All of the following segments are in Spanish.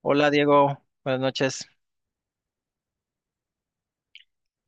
Hola Diego, buenas noches.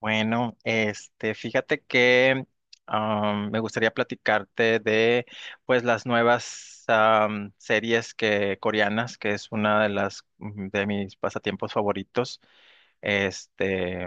Bueno, fíjate que me gustaría platicarte de pues las nuevas series que coreanas, que es una de las de mis pasatiempos favoritos. Este,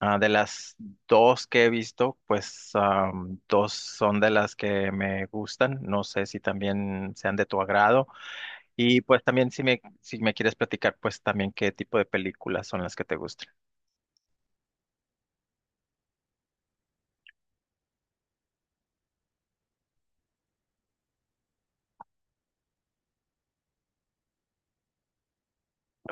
de las dos que he visto, pues dos son de las que me gustan. No sé si también sean de tu agrado. Y pues también si me quieres platicar, pues también qué tipo de películas son las que te gustan.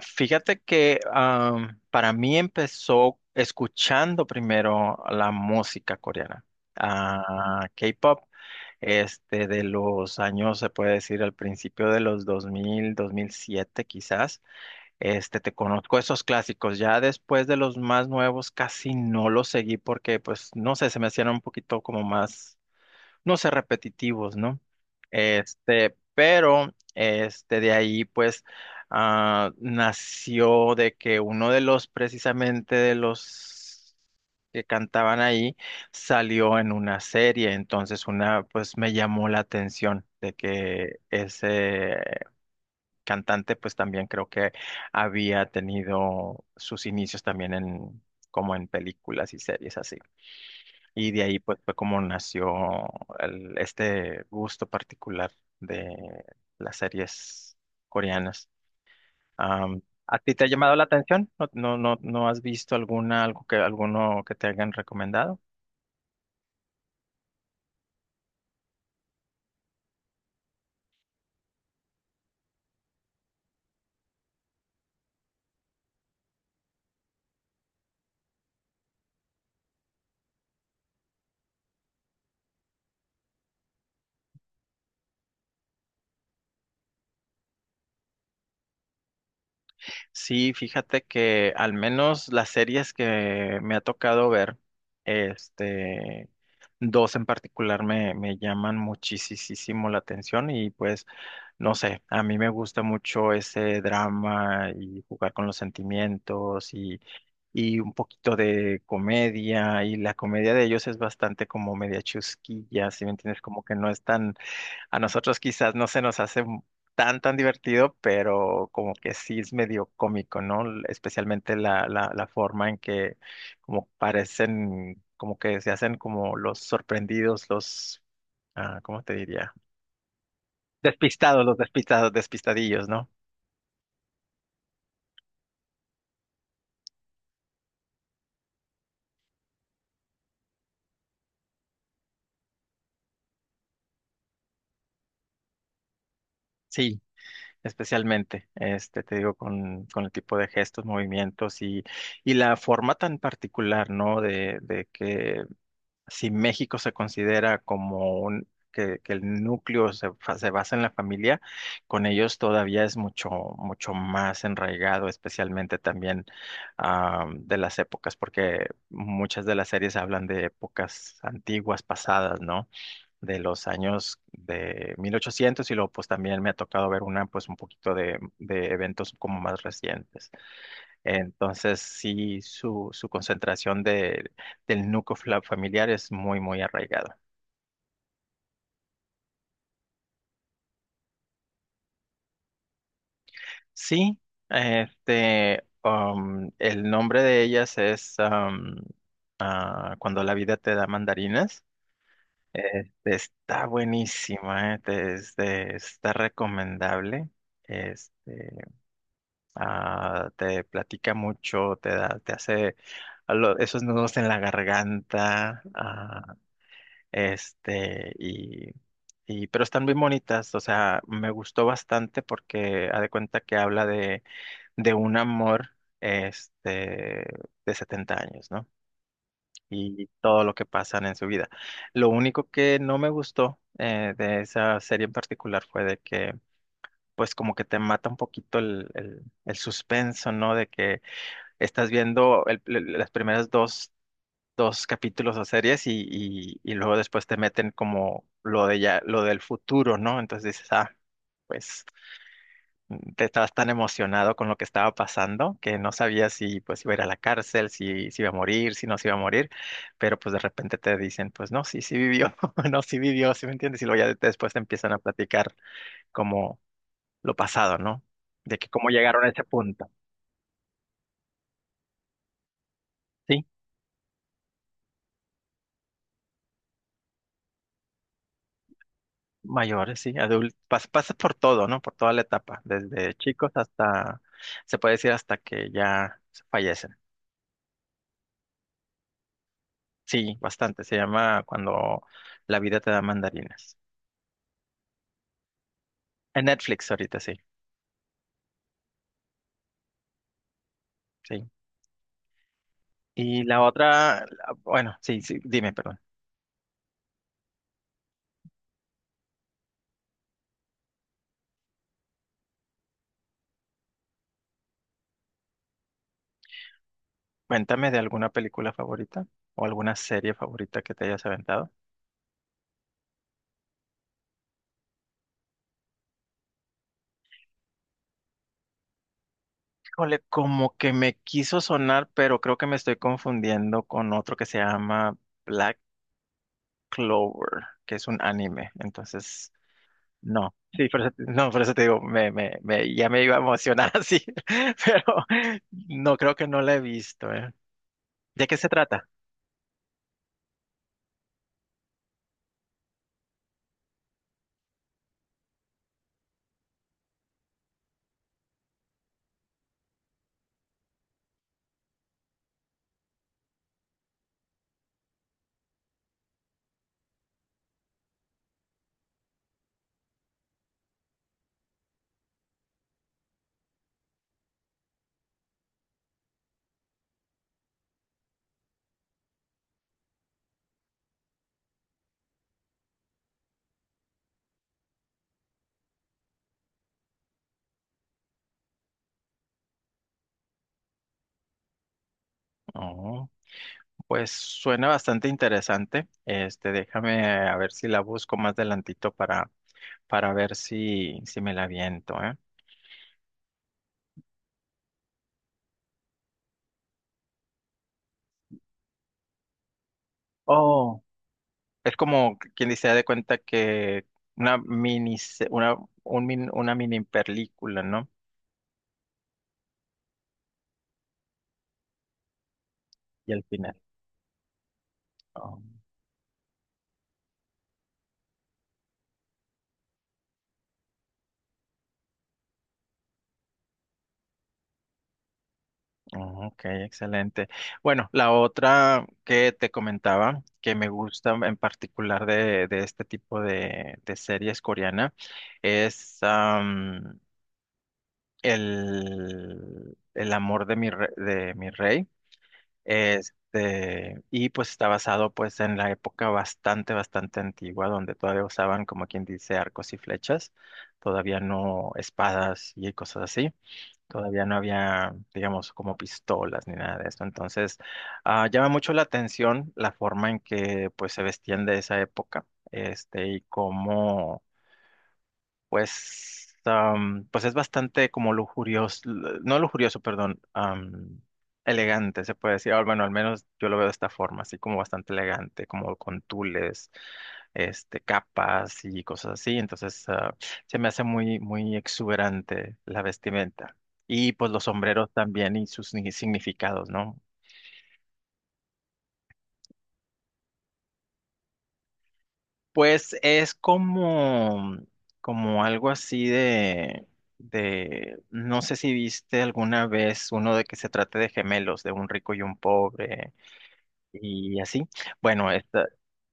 Fíjate que para mí empezó escuchando primero la música coreana. Ah, K-pop. De los años, se puede decir, al principio de los 2000, 2007 quizás. Te conozco esos clásicos, ya después de los más nuevos casi no los seguí porque pues no sé, se me hacían un poquito como más no ser repetitivos, ¿no? Pero de ahí pues nació de que uno de los precisamente de los que cantaban ahí salió en una serie, entonces una pues me llamó la atención de que ese cantante pues también creo que había tenido sus inicios también en como en películas y series así. Y de ahí pues fue como nació este gusto particular de las series coreanas. Am, ¿A ti te ha llamado la atención? ¿No, no, no, no has visto alguna, algo que, alguno que te hayan recomendado? Sí, fíjate que al menos las series que me ha tocado ver, este, dos en particular me llaman muchísimo la atención y pues no sé, a mí me gusta mucho ese drama y jugar con los sentimientos y un poquito de comedia y la comedia de ellos es bastante como media chusquilla, ¿si me entiendes? Como que no es tan, a nosotros quizás no se nos hace tan divertido, pero como que sí es medio cómico, ¿no? Especialmente la forma en que como parecen, como que se hacen como los sorprendidos, los, ¿cómo te diría? Despistados, los despistados, despistadillos, ¿no? Sí, especialmente, te digo, con el tipo de gestos, movimientos y la forma tan particular, ¿no? De que si México se considera como un, que el núcleo se basa en la familia, con ellos todavía es mucho, mucho más enraigado, especialmente también de las épocas, porque muchas de las series hablan de épocas antiguas, pasadas, ¿no? De los años de 1800 y luego pues también me ha tocado ver una pues un poquito de eventos como más recientes. Entonces sí, su concentración de, del núcleo familiar es muy, muy arraigado. Sí, el nombre de ellas es Cuando la vida te da mandarinas. Está buenísima, está recomendable. Este, te platica mucho, te da, te hace esos nudos en la garganta, este, y, y, pero están muy bonitas, o sea, me gustó bastante porque ha de cuenta que habla de un amor, este, de 70 años, ¿no? Y todo lo que pasan en su vida. Lo único que no me gustó, de esa serie en particular fue de que, pues como que te mata un poquito el suspenso, ¿no? De que estás viendo las primeras dos capítulos o series y luego después te meten como lo de ya, lo del futuro, ¿no? Entonces dices, pues te estabas tan emocionado con lo que estaba pasando que no sabías si pues iba a ir a la cárcel, si iba a morir, si no se iba a morir, pero pues de repente te dicen, pues no, sí, sí vivió, no, sí vivió, ¿sí me entiendes? Y luego ya después te empiezan a platicar como lo pasado, ¿no? De que cómo llegaron a ese punto. ¿Sí? Mayores, sí, adultos, pasas por todo, ¿no? Por toda la etapa, desde chicos hasta, se puede decir hasta que ya se fallecen. Sí, bastante, se llama Cuando la vida te da mandarinas. En Netflix ahorita, sí, sí. Y la otra, bueno, sí, sí, dime, perdón. Cuéntame de alguna película favorita o alguna serie favorita que te hayas aventado. Híjole, como que me quiso sonar, pero creo que me estoy confundiendo con otro que se llama Black Clover, que es un anime. Entonces, no, sí, por eso, no, por eso te digo, ya me iba a emocionar así, pero no, creo que no la he visto, ¿eh? ¿De qué se trata? Oh, pues suena bastante interesante. Déjame a ver si la busco más adelantito para ver si me la aviento, ¿eh? Oh, es como quien dice, "Haz de cuenta que una, una mini película, ¿no?" Y al final. Oh, ok, excelente. Bueno, la otra que te comentaba que me gusta en particular de este tipo de series coreana es el amor de mi rey. Y pues está basado pues en la época bastante, bastante antigua donde todavía usaban como quien dice arcos y flechas, todavía no espadas y cosas así. Todavía no había, digamos, como pistolas ni nada de esto. Entonces, llama mucho la atención la forma en que pues se vestían de esa época, y cómo pues, pues es bastante como lujurioso, no lujurioso, perdón, elegante, se puede decir. Ah, bueno, al menos yo lo veo de esta forma, así como bastante elegante, como con tules, capas y cosas así. Entonces, se me hace muy, muy exuberante la vestimenta. Y pues los sombreros también y sus significados, ¿no? Pues es como, algo así de, no sé si viste alguna vez uno de que se trate de gemelos, de un rico y un pobre. Y así. Bueno, esta,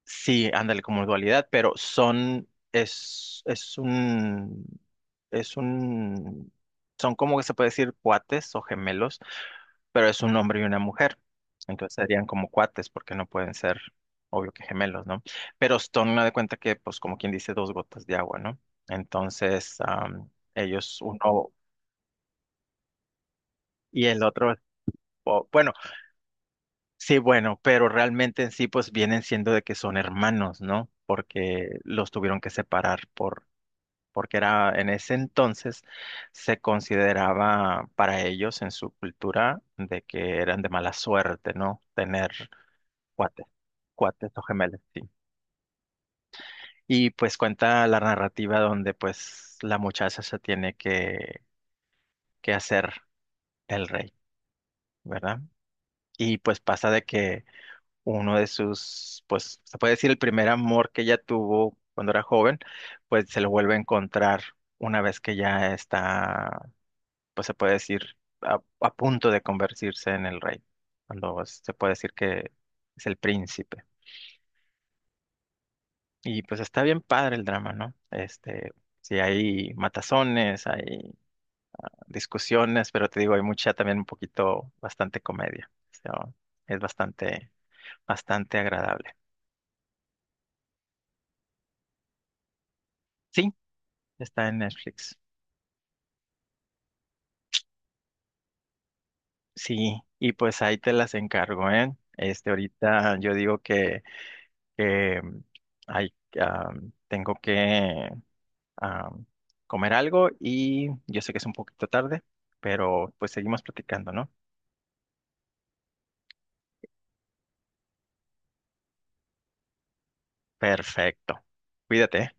sí, ándale como dualidad, pero son, es un, son como que se puede decir cuates o gemelos, pero es un hombre y una mujer. Entonces serían como cuates porque no pueden ser, obvio que gemelos, ¿no? Pero son, me de cuenta que, pues como quien dice, dos gotas de agua, ¿no? Entonces, ellos, uno y el otro, bueno, sí, bueno, pero realmente en sí pues vienen siendo de que son hermanos, ¿no? Porque los tuvieron que separar por, porque era en ese entonces se consideraba para ellos en su cultura de que eran de mala suerte, ¿no? Tener cuates, cuates o gemelos, sí. Y pues cuenta la narrativa donde pues la muchacha se tiene que hacer el rey, ¿verdad? Y pues pasa de que uno de sus, pues se puede decir el primer amor que ella tuvo cuando era joven, pues se lo vuelve a encontrar una vez que ya está, pues se puede decir, a punto de convertirse en el rey, cuando se puede decir que es el príncipe. Y pues está bien padre el drama, ¿no? Sí hay matazones, hay discusiones, pero te digo, hay mucha también un poquito, bastante comedia. O sea, es bastante, bastante agradable. Sí, está en Netflix. Sí, y pues ahí te las encargo, ¿eh? Ahorita yo digo que, que mm, ay, ah, tengo que ah, comer algo y yo sé que es un poquito tarde, pero pues seguimos platicando, ¿no? Perfecto. Cuídate, ¿eh?